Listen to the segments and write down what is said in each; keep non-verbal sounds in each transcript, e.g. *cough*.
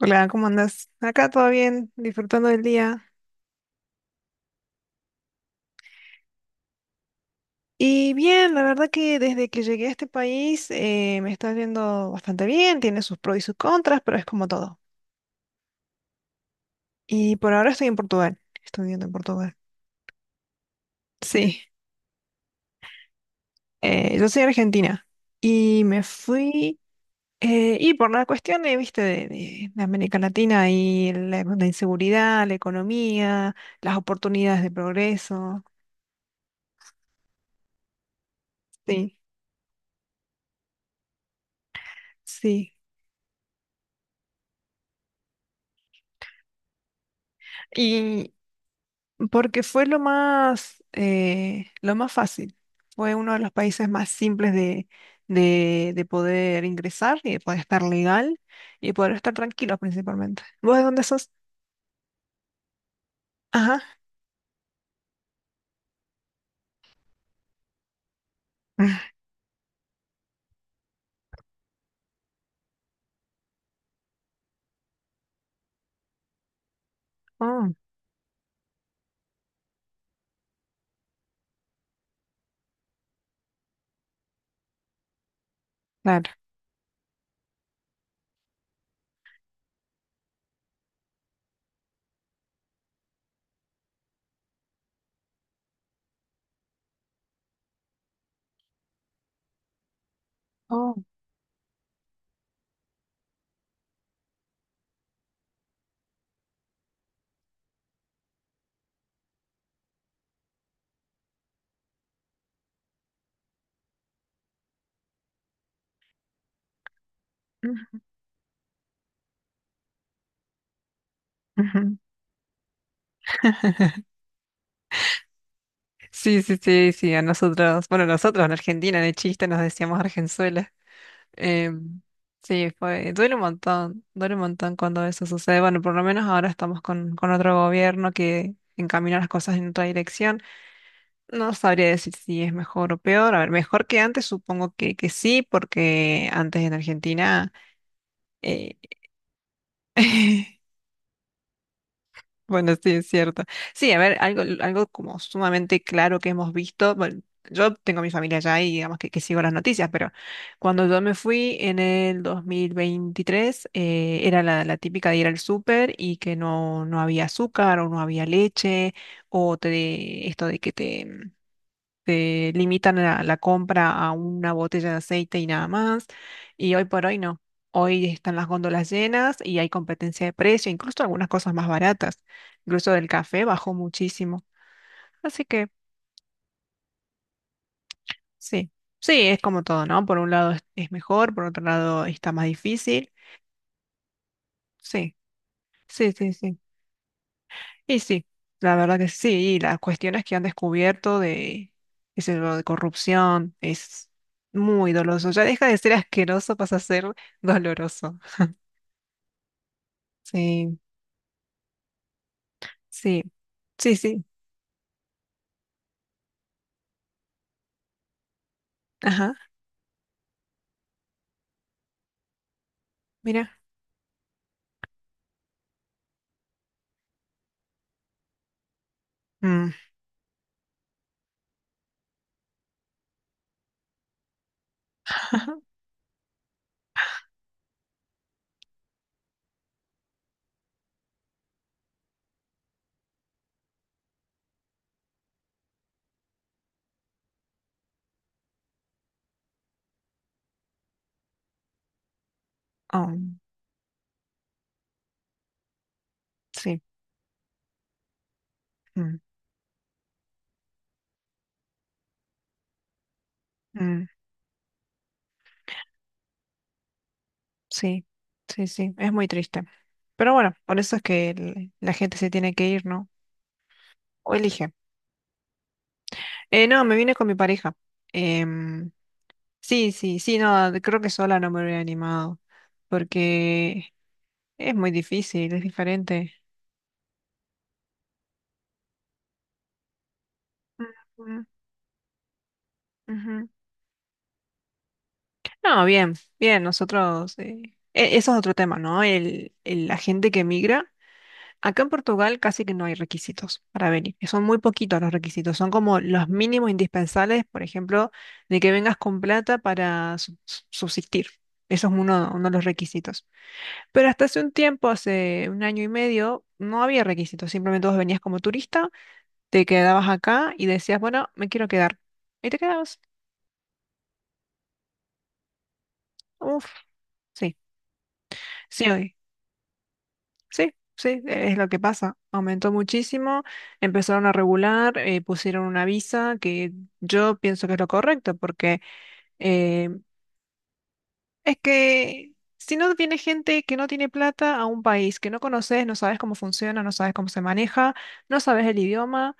Hola, ¿cómo andas? Acá todo bien, disfrutando del día. Y bien, la verdad que desde que llegué a este país me está yendo bastante bien, tiene sus pros y sus contras, pero es como todo. Y por ahora estoy en Portugal, estudiando en Portugal. Sí, yo soy argentina y me fui, y por la cuestión, viste, de América Latina y la inseguridad, la economía, las oportunidades de progreso. Sí, sí. Y porque fue lo más fácil. Fue uno de los países más simples de poder ingresar y de poder estar legal y poder estar tranquilo principalmente. ¿Vos de dónde sos? Ajá. *laughs* Oh, claro. Oh. Mm, ujú. *laughs* Sí, sí, sí, sí, a nosotros, bueno, nosotros en Argentina, de chiste nos decíamos Argenzuela. Em, sí, fue, duele un montón cuando eso sucede. Bueno, por lo menos ahora estamos con otro gobierno que encamina las cosas en otra dirección. No sabría decir si es mejor o peor. A ver, mejor que antes, supongo que sí, porque antes en Argentina eh, *laughs* Bueno, sí, es cierto. Sí, a ver, algo como sumamente claro que hemos visto. Bueno, yo tengo mi familia allá y digamos que sigo las noticias, pero cuando yo me fui en el 2023, era la típica de ir al súper y que no había azúcar o no había leche, o esto de que te limitan la compra a una botella de aceite y nada más. Y hoy por hoy no. Hoy están las góndolas llenas y hay competencia de precio, incluso algunas cosas más baratas. Incluso el café bajó muchísimo. Así que sí, sí, es como todo, ¿no? Por un lado es mejor, por otro lado está más difícil. Sí, sí, sí, sí. Y sí, la verdad que sí, y las cuestiones que han descubierto de, qué sé yo, de corrupción es muy doloroso. Ya deja de ser asqueroso, pasa a ser *laughs* doloroso. Sí, sí, sí, sí. Ajá, mira. Mm, *laughs* ajá, oh, sí, mm, mm, sí, sí, sí, es muy triste. Pero bueno, por eso es que la gente se tiene que ir, ¿no? O elige. No, me vine con mi pareja. Em, Sí, sí, sí, no, creo que sola no me hubiera animado, porque es muy difícil, es diferente. Ujú, ujú. No, bien, bien, nosotros, eso es otro tema, ¿no? La gente que migra, acá en Portugal casi que no hay requisitos para venir, que son muy poquitos los requisitos, son como los mínimos indispensables, por ejemplo, de que vengas con plata para subsistir. Eso es uno de los requisitos. Pero hasta hace un tiempo, hace un año y medio, no había requisitos. Simplemente vos venías como turista, te quedabas acá y decías, bueno, me quiero quedar. Y te quedabas. Uf, sí, sí, hoy. Sí, sí, es lo que pasa. Aumentó muchísimo, empezaron a regular, pusieron una visa que yo pienso que es lo correcto, porque eh, es que si no viene gente que no tiene plata a un país que no conoces, no sabes cómo funciona, no sabes cómo se maneja, no sabes el idioma.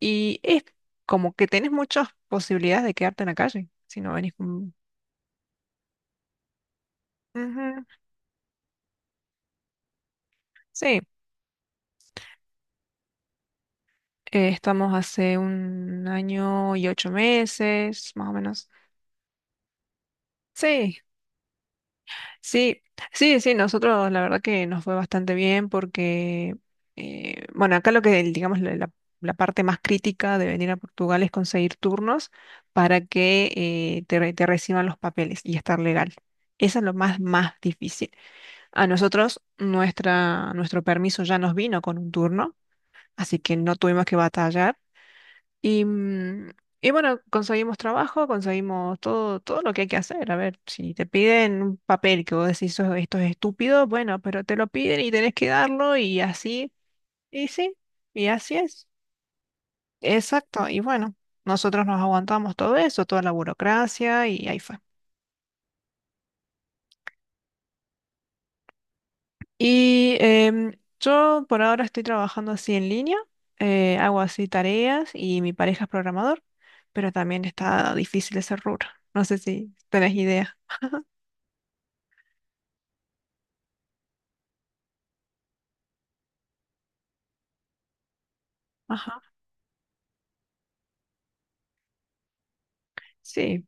Y es como que tenés muchas posibilidades de quedarte en la calle si no venís con. Ujú. Sí, estamos hace un año y 8 meses, más o menos. Sí, sí, sí, sí, nosotros la verdad que nos fue bastante bien porque, bueno, acá lo que, digamos, la parte más crítica de venir a Portugal es conseguir turnos para que te reciban los papeles y estar legal. Eso es lo más, más difícil. A nosotros, nuestro permiso ya nos vino con un turno, así que no tuvimos que batallar. Y, mm, y bueno, conseguimos trabajo, conseguimos todo, todo lo que hay que hacer. A ver, si te piden un papel que vos decís: "Esto es estúpido". Bueno, pero te lo piden y tenés que darlo y así. Y sí, y así es. Exacto. Y bueno, nosotros nos aguantamos todo eso, toda la burocracia y ahí fue. Y yo por ahora estoy trabajando así en línea, hago así tareas y mi pareja es programador, pero también está difícil ese rubro. No sé si tenés idea. Ajá. Sí,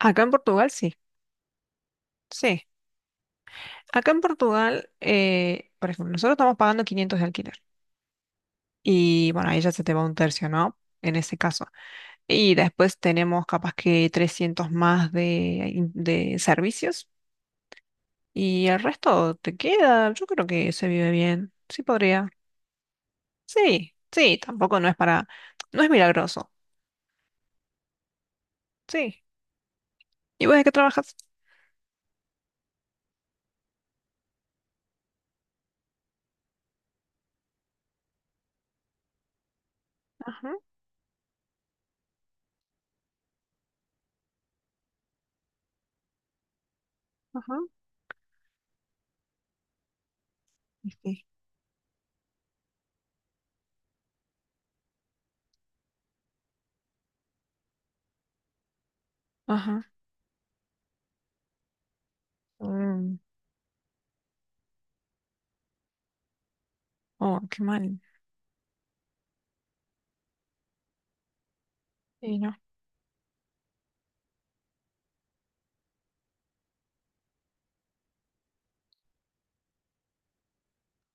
acá en Portugal sí, sí. Acá en Portugal, por ejemplo, nosotros estamos pagando 500 de alquiler y bueno, ahí ya se te va un tercio, ¿no? En ese caso. Y después tenemos capaz que 300 más de servicios. Y el resto te queda, yo creo que se vive bien. Sí podría. Sí, sí, tampoco no es para, no es milagroso. Sí. ¿Y vos de qué trabajas? Ajá, ajá. Y sí, ajá. Mm, oh, qué mal. Sí, no.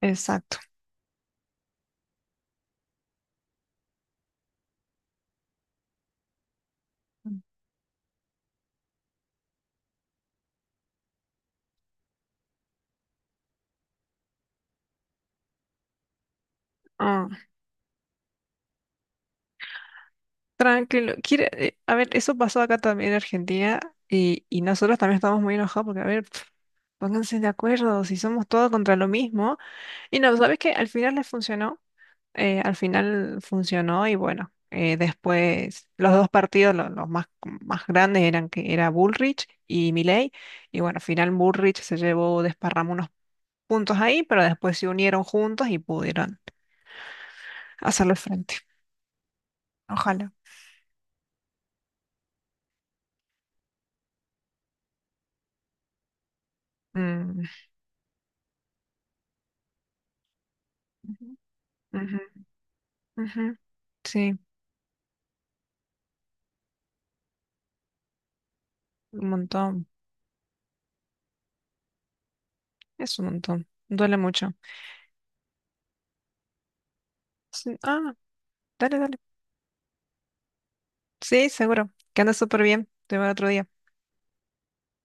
Exacto. Ah, tranquilo. Quiere, a ver, eso pasó acá también en Argentina y nosotros también estamos muy enojados porque, a ver, pf, pónganse de acuerdo si somos todos contra lo mismo. Y no, ¿sabes qué? Al final les funcionó. Al final funcionó y bueno, después los dos partidos, los más grandes eran que era Bullrich y Milei y bueno, al final Bullrich se llevó desparrama unos puntos ahí, pero después se unieron juntos y pudieron hacerlo al frente. Ojalá. Mm, ujú, ujú, ujú. Sí, un montón, es un montón, duele mucho. Sí, ah, dale, dale. Sí, seguro, que anda súper bien, te veo otro día.